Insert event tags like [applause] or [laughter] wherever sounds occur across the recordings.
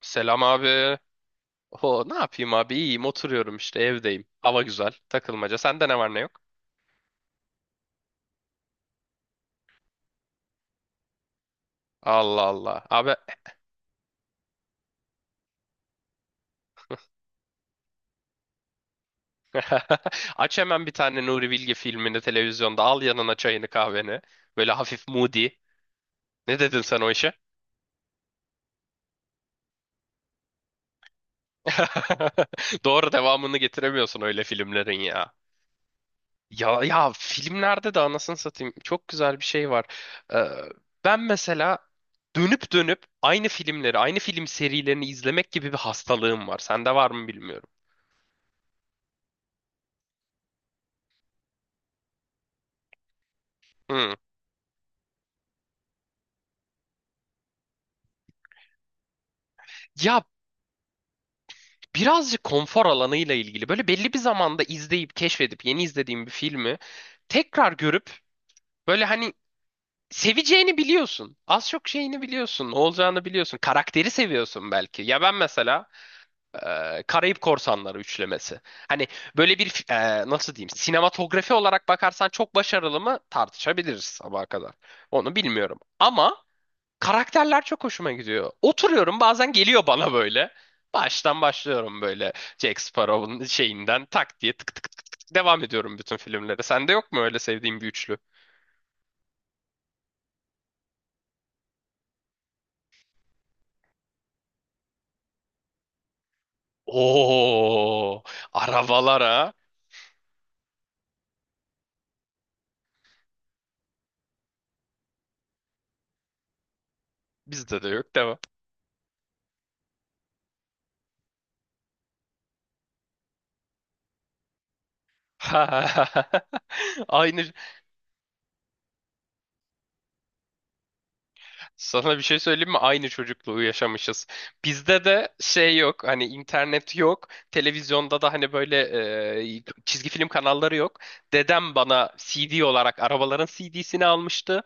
Selam abi. O ne yapayım abi? İyiyim, oturuyorum işte evdeyim. Hava güzel, takılmaca. Sende ne var ne yok? Allah Allah. Abi, [laughs] aç hemen bir tane Nuri Bilge filmini televizyonda, al yanına çayını kahveni. Böyle hafif moody. Ne dedin sen o işe? [laughs] Doğru, devamını getiremiyorsun öyle filmlerin ya. Ya ya, filmlerde de anasını satayım çok güzel bir şey var. Ee, ben mesela dönüp dönüp aynı filmleri, aynı film serilerini izlemek gibi bir hastalığım var. Sende var mı bilmiyorum. Hı. Ya, birazcık konfor alanıyla ilgili, böyle belli bir zamanda izleyip keşfedip yeni izlediğim bir filmi tekrar görüp, böyle hani, seveceğini biliyorsun. Az çok şeyini biliyorsun, ne olacağını biliyorsun. Karakteri seviyorsun belki. Ya ben mesela Karayip Korsanları üçlemesi. Hani böyle bir, nasıl diyeyim, sinematografi olarak bakarsan çok başarılı mı tartışabiliriz sabaha kadar. Onu bilmiyorum. Ama karakterler çok hoşuma gidiyor. Oturuyorum, bazen geliyor bana böyle. Baştan başlıyorum, böyle Jack Sparrow'un şeyinden tak diye tık tık tık tık tık devam ediyorum bütün filmlere. Sende yok mu öyle sevdiğin bir üçlü? Oo, arabalara. Bizde de yok, devam. [laughs] Aynı. Sana bir şey söyleyeyim mi? Aynı çocukluğu yaşamışız. Bizde de şey yok. Hani internet yok. Televizyonda da hani böyle çizgi film kanalları yok. Dedem bana CD olarak arabaların CD'sini almıştı.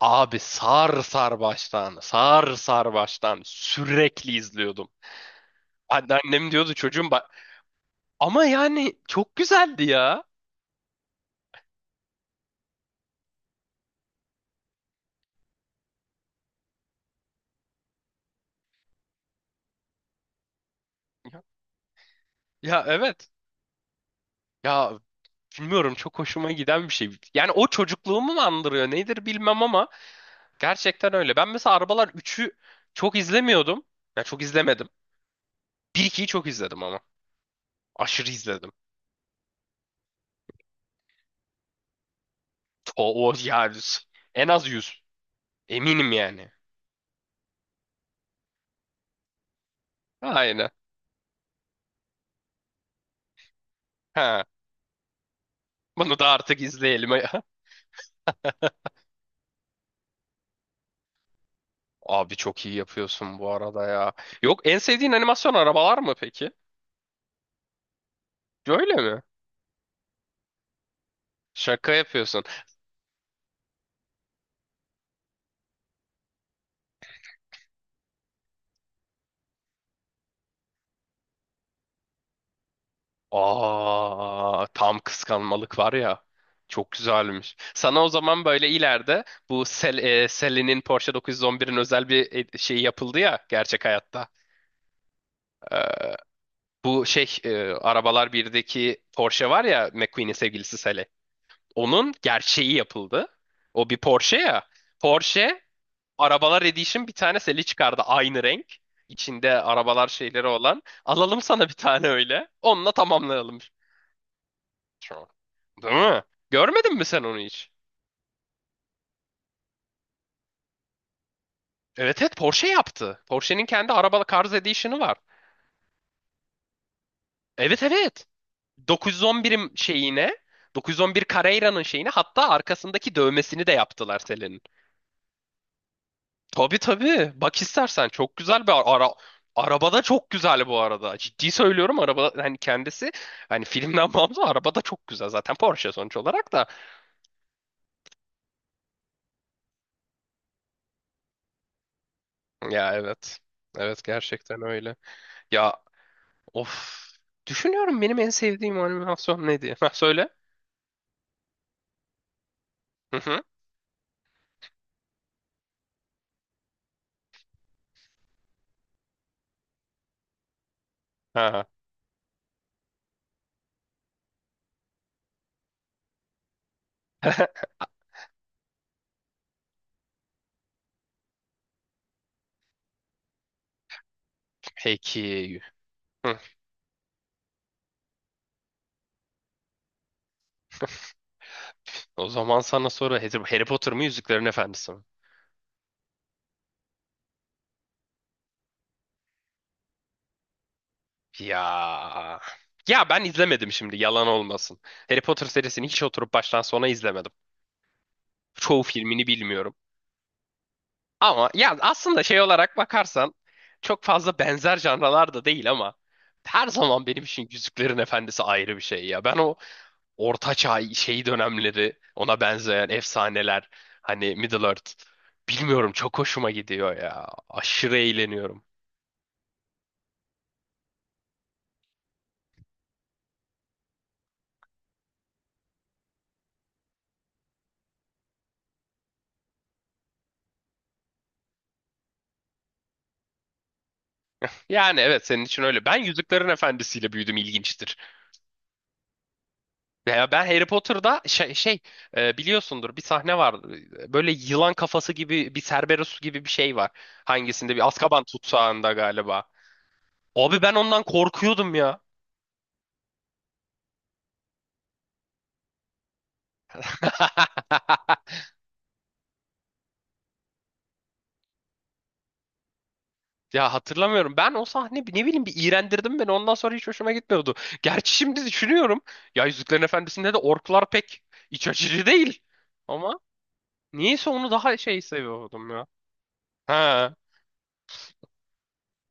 Abi, sar sar baştan, sar sar baştan, sürekli izliyordum. Annem diyordu çocuğum bak. Ama yani çok güzeldi ya. Ya ya, evet. Ya bilmiyorum, çok hoşuma giden bir şey. Yani o çocukluğumu mu andırıyor nedir bilmem ama, gerçekten öyle. Ben mesela Arabalar üçü çok izlemiyordum. Ya çok izlemedim. Bir 2'yi çok izledim ama. Aşırı izledim. O ya yüz. En az 100, eminim yani. Aynen. Ha. Bunu da artık izleyelim. [laughs] Abi çok iyi yapıyorsun bu arada ya. Yok, en sevdiğin animasyon arabalar mı peki? Öyle mi? Şaka yapıyorsun. Aa, tam kıskanmalık var ya. Çok güzelmiş. Sana o zaman böyle ileride bu Sally'nin Porsche 911'in özel bir şey yapıldı ya gerçek hayatta. Ee, bu şey Arabalar birdeki Porsche var ya, McQueen'in sevgilisi Sally. Onun gerçeği yapıldı. O bir Porsche ya. Porsche Arabalar Edition bir tane Sally çıkardı, aynı renk. İçinde arabalar şeyleri olan. Alalım sana bir tane öyle. Onunla tamamlayalım. Çok. Değil mi? Görmedin mi sen onu hiç? Evet, evet, Porsche yaptı. Porsche'nin kendi araba Cars Edition'ı var. Evet, evet. 911'in şeyine, 911 Carrera'nın şeyine hatta arkasındaki dövmesini de yaptılar Selin'in. Tabii, tabii. Bak istersen çok güzel bir arabada, çok güzel bu arada. Ciddi söylüyorum, araba hani kendisi, hani filmden [laughs] bağımsız arabada çok güzel zaten, Porsche sonuç olarak da. Ya evet. Evet, gerçekten öyle. Ya, of. Düşünüyorum benim en sevdiğim animasyon ne diye. [laughs] Ha, söyle. Hı hı. Ha. [laughs] Peki. Hı. O zaman sana soru, Harry Potter mı, Yüzüklerin Efendisi mi? Ya. Ya ben izlemedim şimdi, yalan olmasın. Harry Potter serisini hiç oturup baştan sona izlemedim. Çoğu filmini bilmiyorum. Ama ya aslında şey olarak bakarsan, çok fazla benzer janralar da değil ama her zaman benim için Yüzüklerin Efendisi ayrı bir şey ya. Ben o Ortaçağ şey dönemleri, ona benzeyen efsaneler, hani Middle Earth, bilmiyorum, çok hoşuma gidiyor ya. Aşırı eğleniyorum. Yani evet, senin için öyle. Ben Yüzüklerin Efendisi'yle büyüdüm, ilginçtir. Ya ben Harry Potter'da şey biliyorsundur, bir sahne var. Böyle yılan kafası gibi, bir Cerberus gibi bir şey var. Hangisinde, bir Azkaban tutsağında galiba. Abi ben ondan korkuyordum ya. [laughs] Ya hatırlamıyorum. Ben o sahne ne bileyim, bir iğrendirdim beni. Ondan sonra hiç hoşuma gitmiyordu. Gerçi şimdi düşünüyorum, ya Yüzüklerin Efendisi'nde de orklar pek iç açıcı değil. Ama niyeyse onu daha şey seviyordum ya. Ha.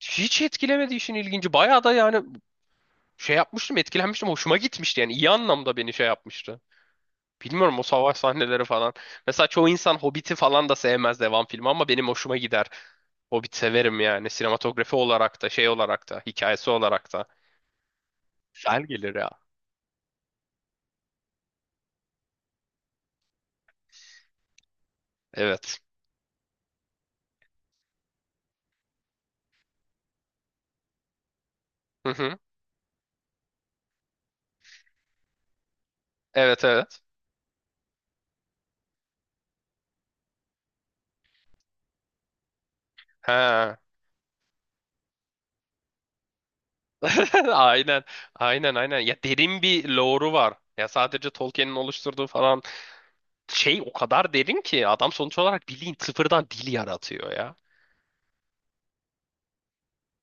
Hiç etkilemedi işin ilginci. Bayağı da yani şey yapmıştım, etkilenmiştim. Hoşuma gitmişti yani. İyi anlamda beni şey yapmıştı. Bilmiyorum, o savaş sahneleri falan. Mesela çoğu insan Hobbit'i falan da sevmez, devam filmi, ama benim hoşuma gider. Hobbit severim yani. Sinematografi olarak da, şey olarak da, hikayesi olarak da. Güzel gelir ya. Evet. Hı hı. Evet, evet. Ha. [laughs] Aynen. Aynen, aynen. Ya derin bir lore'u var. Ya sadece Tolkien'in oluşturduğu falan şey o kadar derin ki, adam sonuç olarak bildiğin sıfırdan dil yaratıyor ya.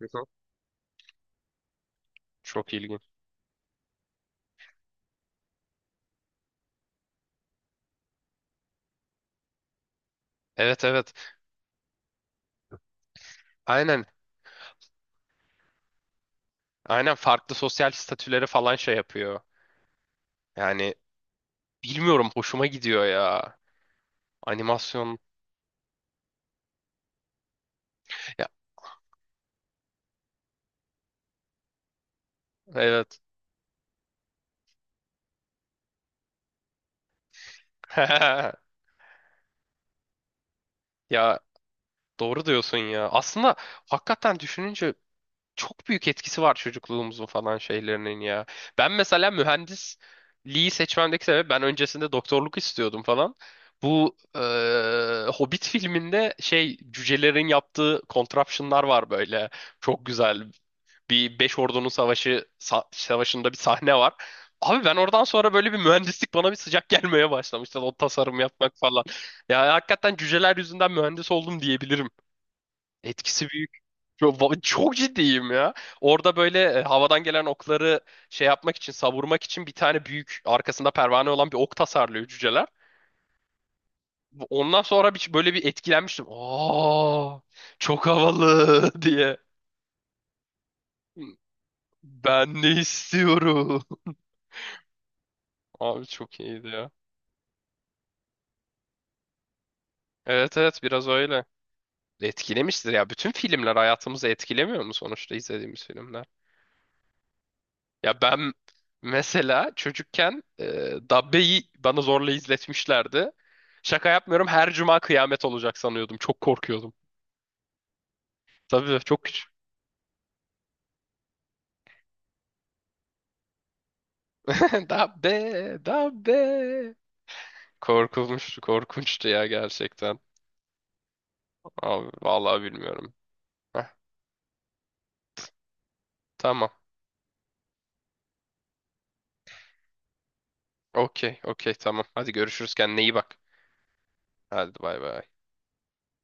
Hı hı. Çok ilginç. Evet, evet. Aynen. Aynen, farklı sosyal statüleri falan şey yapıyor. Yani bilmiyorum, hoşuma gidiyor ya. Animasyon. Ya, evet. [laughs] Ya doğru diyorsun ya. Aslında hakikaten düşününce, çok büyük etkisi var çocukluğumuzun falan şeylerinin ya. Ben mesela mühendisliği seçmemdeki sebep, ben öncesinde doktorluk istiyordum falan. Bu Hobbit filminde şey, cücelerin yaptığı contraption'lar var böyle. Çok güzel. Bir Beş Ordu'nun savaşı savaşında bir sahne var. Abi ben oradan sonra, böyle bir mühendislik bana bir sıcak [laughs] gelmeye başlamıştı. O tasarım yapmak falan. Ya hakikaten cüceler yüzünden mühendis oldum diyebilirim. Etkisi büyük. Çok, çok ciddiyim ya. Orada böyle havadan gelen okları şey yapmak için, savurmak için bir tane büyük, arkasında pervane olan bir ok tasarlıyor cüceler. Ondan sonra bir, böyle bir etkilenmiştim. Aa, çok havalı [laughs] diye. Ben ne istiyorum? [laughs] Abi çok iyiydi ya. Evet, evet, biraz öyle. Etkilemiştir ya. Bütün filmler hayatımızı etkilemiyor mu, sonuçta izlediğimiz filmler? Ya ben mesela çocukken Dabbe'yi bana zorla izletmişlerdi. Şaka yapmıyorum, her cuma kıyamet olacak sanıyordum. Çok korkuyordum. Tabii, çok küçük. [laughs] Dabbe, Dabbe. Korkulmuştu, korkunçtu ya gerçekten. Abi, vallahi bilmiyorum. Heh, tamam. Okey, okey, tamam. Hadi görüşürüz. Kendine iyi bak. Hadi, bay bay.